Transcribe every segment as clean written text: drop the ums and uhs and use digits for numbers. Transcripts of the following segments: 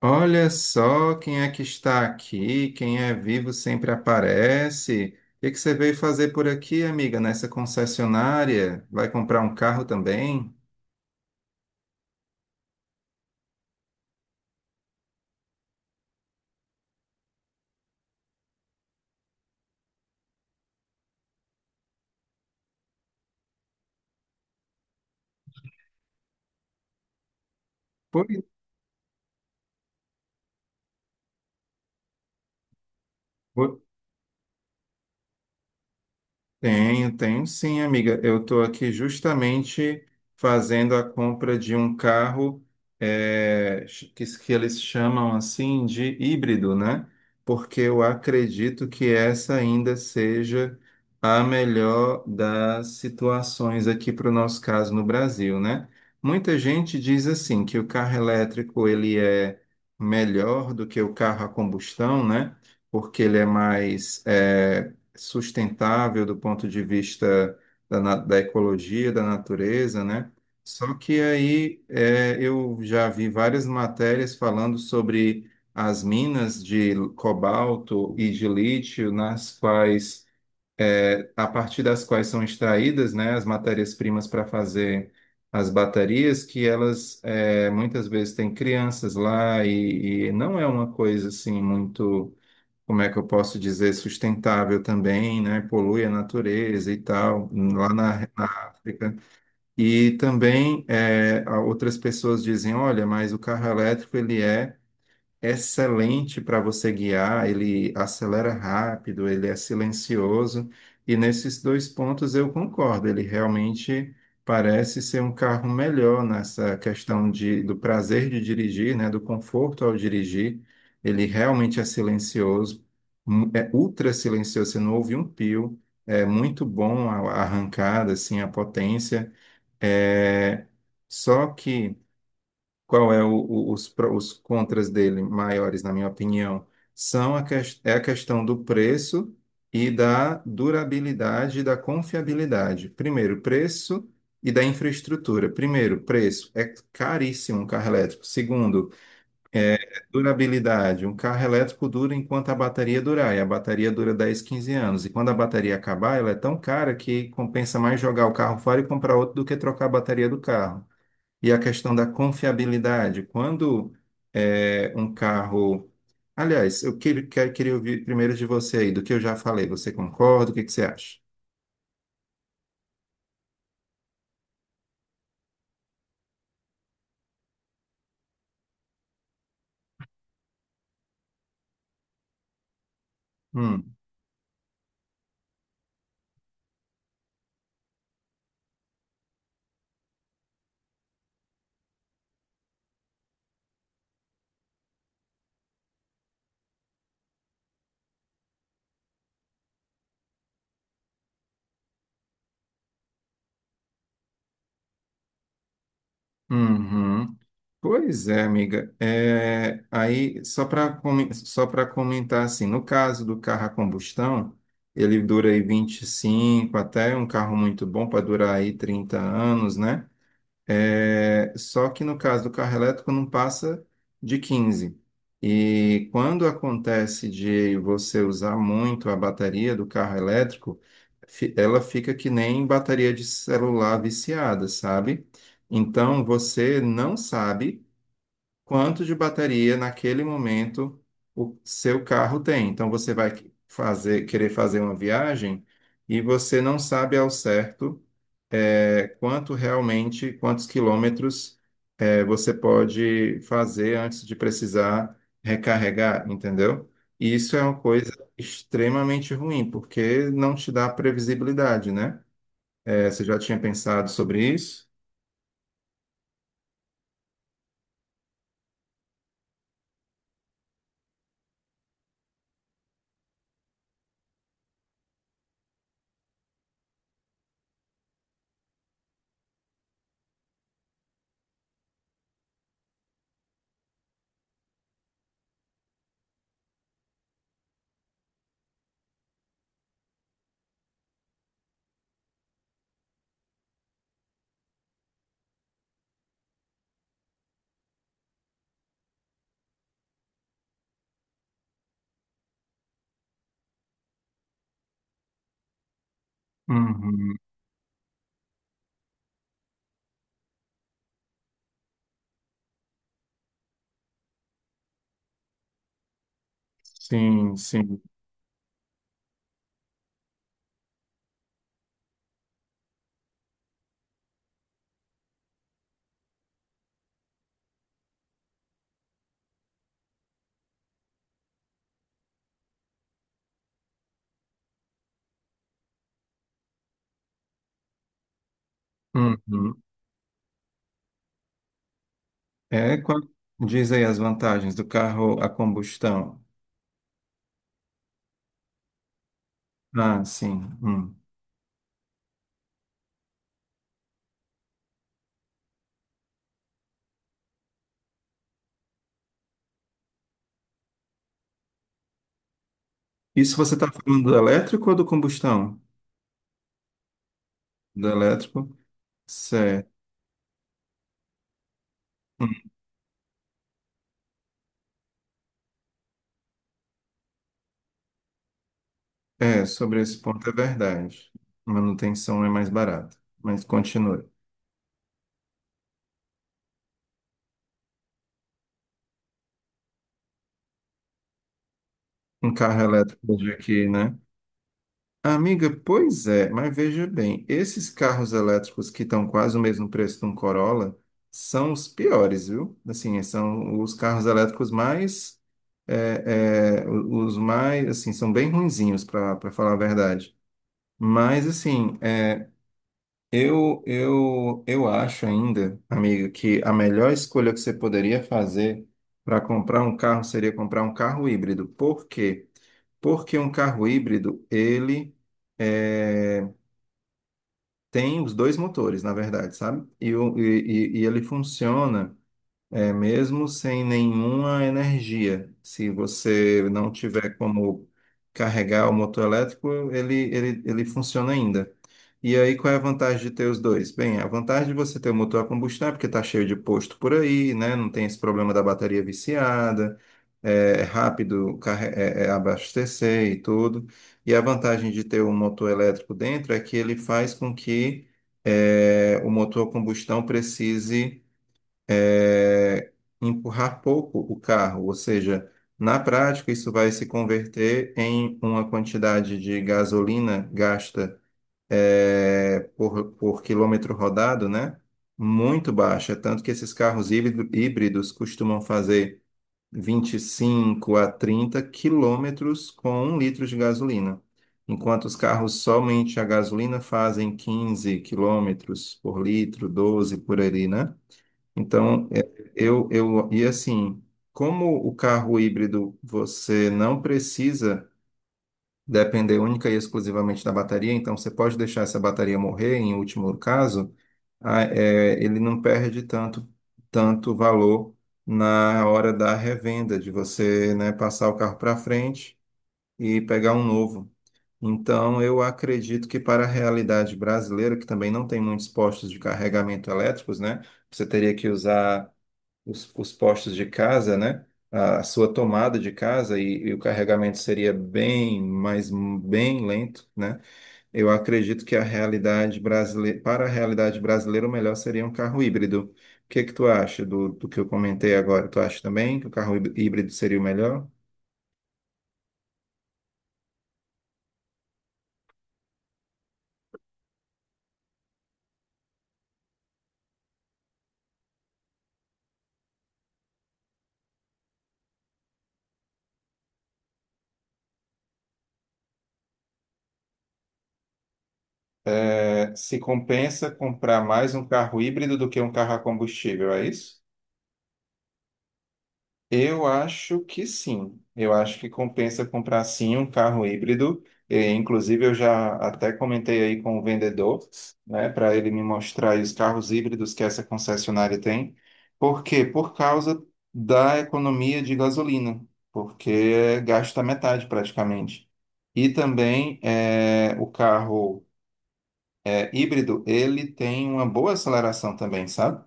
Olha só quem é que está aqui, quem é vivo sempre aparece. O que que você veio fazer por aqui, amiga, nessa concessionária? Vai comprar um carro também? Pois, tenho, tenho sim, amiga. Eu estou aqui justamente fazendo a compra de um carro que eles chamam assim de híbrido, né? Porque eu acredito que essa ainda seja a melhor das situações aqui para o nosso caso no Brasil, né? Muita gente diz assim que o carro elétrico ele é melhor do que o carro a combustão, né? Porque ele é mais sustentável do ponto de vista da ecologia, da natureza, né? Só que aí é, eu já vi várias matérias falando sobre as minas de cobalto e de lítio, nas quais, é, a partir das quais são extraídas, né, as matérias-primas para fazer as baterias, que elas é, muitas vezes têm crianças lá e não é uma coisa assim muito, como é que eu posso dizer, sustentável também, né? Polui a natureza e tal, lá na África. E também outras pessoas dizem, olha, mas o carro elétrico ele é excelente para você guiar, ele acelera rápido, ele é silencioso, e nesses dois pontos eu concordo, ele realmente parece ser um carro melhor nessa questão de, do prazer de dirigir, né, do conforto ao dirigir, ele realmente é silencioso, é ultra silencioso, você não ouve um pio, é muito bom a arrancada, assim, a potência, é... Só que qual é os, os contras dele maiores, na minha opinião? São a, é a questão do preço e da durabilidade e da confiabilidade. Primeiro, preço e da infraestrutura. Primeiro, preço. É caríssimo um carro elétrico. Segundo, durabilidade. Um carro elétrico dura enquanto a bateria durar. E a bateria dura dez, quinze anos. E quando a bateria acabar, ela é tão cara que compensa mais jogar o carro fora e comprar outro do que trocar a bateria do carro. E a questão da confiabilidade. Quando um carro. Aliás, eu queria ouvir primeiro de você aí, do que eu já falei. Você concorda? O que que você acha? Hum, uhum. Pois é, amiga. É, aí, só para comentar assim, no caso do carro a combustão, ele dura aí 25, até um carro muito bom para durar aí 30 anos, né? É, só que no caso do carro elétrico não passa de 15. E quando acontece de você usar muito a bateria do carro elétrico, ela fica que nem bateria de celular viciada, sabe? Então você não sabe quanto de bateria naquele momento o seu carro tem. Então você vai fazer, querer fazer uma viagem e você não sabe ao certo, quanto realmente, quantos quilômetros, você pode fazer antes de precisar recarregar, entendeu? E isso é uma coisa extremamente ruim, porque não te dá previsibilidade, né? É, você já tinha pensado sobre isso? Uhum. Sim, sim. Uhum. É quando diz aí as vantagens do carro a combustão. Ah, sim. Hum. Isso você está falando do elétrico ou do combustão? Do elétrico? Certo. É, sobre esse ponto é verdade. Manutenção é mais barata. Mas continue. Um carro elétrico de aqui, né? Amiga, pois é, mas veja bem, esses carros elétricos que estão quase o mesmo preço de um Corolla são os piores, viu? Assim, são os carros elétricos mais, os mais, assim, são bem ruinzinhos, para falar a verdade. Mas, assim, eu acho ainda, amigo, que a melhor escolha que você poderia fazer para comprar um carro seria comprar um carro híbrido. Por quê? Porque um carro híbrido, ele eh, tem os dois motores, na verdade, sabe? E, e ele funciona. É, mesmo sem nenhuma energia, se você não tiver como carregar o motor elétrico, ele funciona ainda. E aí, qual é a vantagem de ter os dois? Bem, a vantagem de você ter o motor a combustão é porque está cheio de posto por aí, né? Não tem esse problema da bateria viciada, é é abastecer e tudo. E a vantagem de ter um motor elétrico dentro é que ele faz com que, o motor a combustão precise é, empurrar pouco o carro, ou seja, na prática isso vai se converter em uma quantidade de gasolina gasta, por quilômetro rodado, né? Muito baixa. É tanto que esses híbridos costumam fazer 25 a 30 quilômetros com 1 litro de gasolina, enquanto os carros somente a gasolina fazem 15 quilômetros por litro, 12 por ali, né? Então, é, eu, e assim, como o carro híbrido você não precisa depender única e exclusivamente da bateria, então você pode deixar essa bateria morrer, em último caso, ele não perde tanto, tanto valor na hora da revenda, de você, né, passar o carro para frente e pegar um novo. Então, eu acredito que para a realidade brasileira, que também não tem muitos postos de carregamento elétricos, né, você teria que usar os postos de casa, né? A sua tomada de casa e o carregamento seria bem, mas bem lento, né? Eu acredito que a realidade brasileira, para a realidade brasileira, o melhor seria um carro híbrido. O que que tu acha do que eu comentei agora? Tu acha também que o carro híbrido seria o melhor? É, se compensa comprar mais um carro híbrido do que um carro a combustível, é isso? Eu acho que sim. Eu acho que compensa comprar sim um carro híbrido. E, inclusive, eu já até comentei aí com o vendedor, né, para ele me mostrar aí os carros híbridos que essa concessionária tem. Por quê? Por causa da economia de gasolina, porque gasta metade praticamente. E também é, o carro híbrido, ele tem uma boa aceleração também, sabe?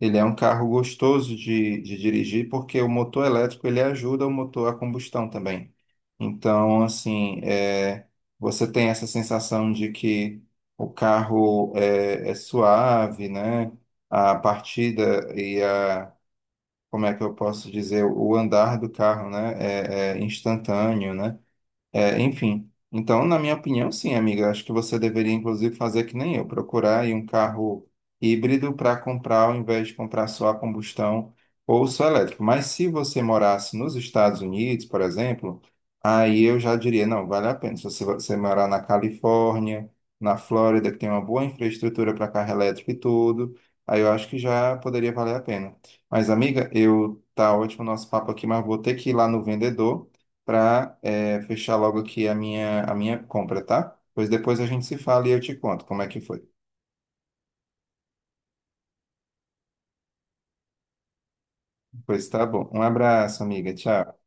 Ele é um carro gostoso de dirigir porque o motor elétrico ele ajuda o motor a combustão também. Então, assim, é, você tem essa sensação de que o carro é, é suave, né? A partida e a, como é que eu posso dizer, o andar do carro, né? É, é instantâneo, né? É, enfim. Então, na minha opinião, sim, amiga. Acho que você deveria, inclusive, fazer que nem eu, procurar aí um carro híbrido para comprar, ao invés de comprar só a combustão ou só elétrico. Mas se você morasse nos Estados Unidos, por exemplo, aí eu já diria, não, vale a pena. Se você, você morar na Califórnia, na Flórida, que tem uma boa infraestrutura para carro elétrico e tudo, aí eu acho que já poderia valer a pena. Mas, amiga, eu tá ótimo o nosso papo aqui, mas vou ter que ir lá no vendedor para fechar logo aqui a minha compra, tá? Pois depois a gente se fala e eu te conto como é que foi. Pois tá bom. Um abraço, amiga. Tchau.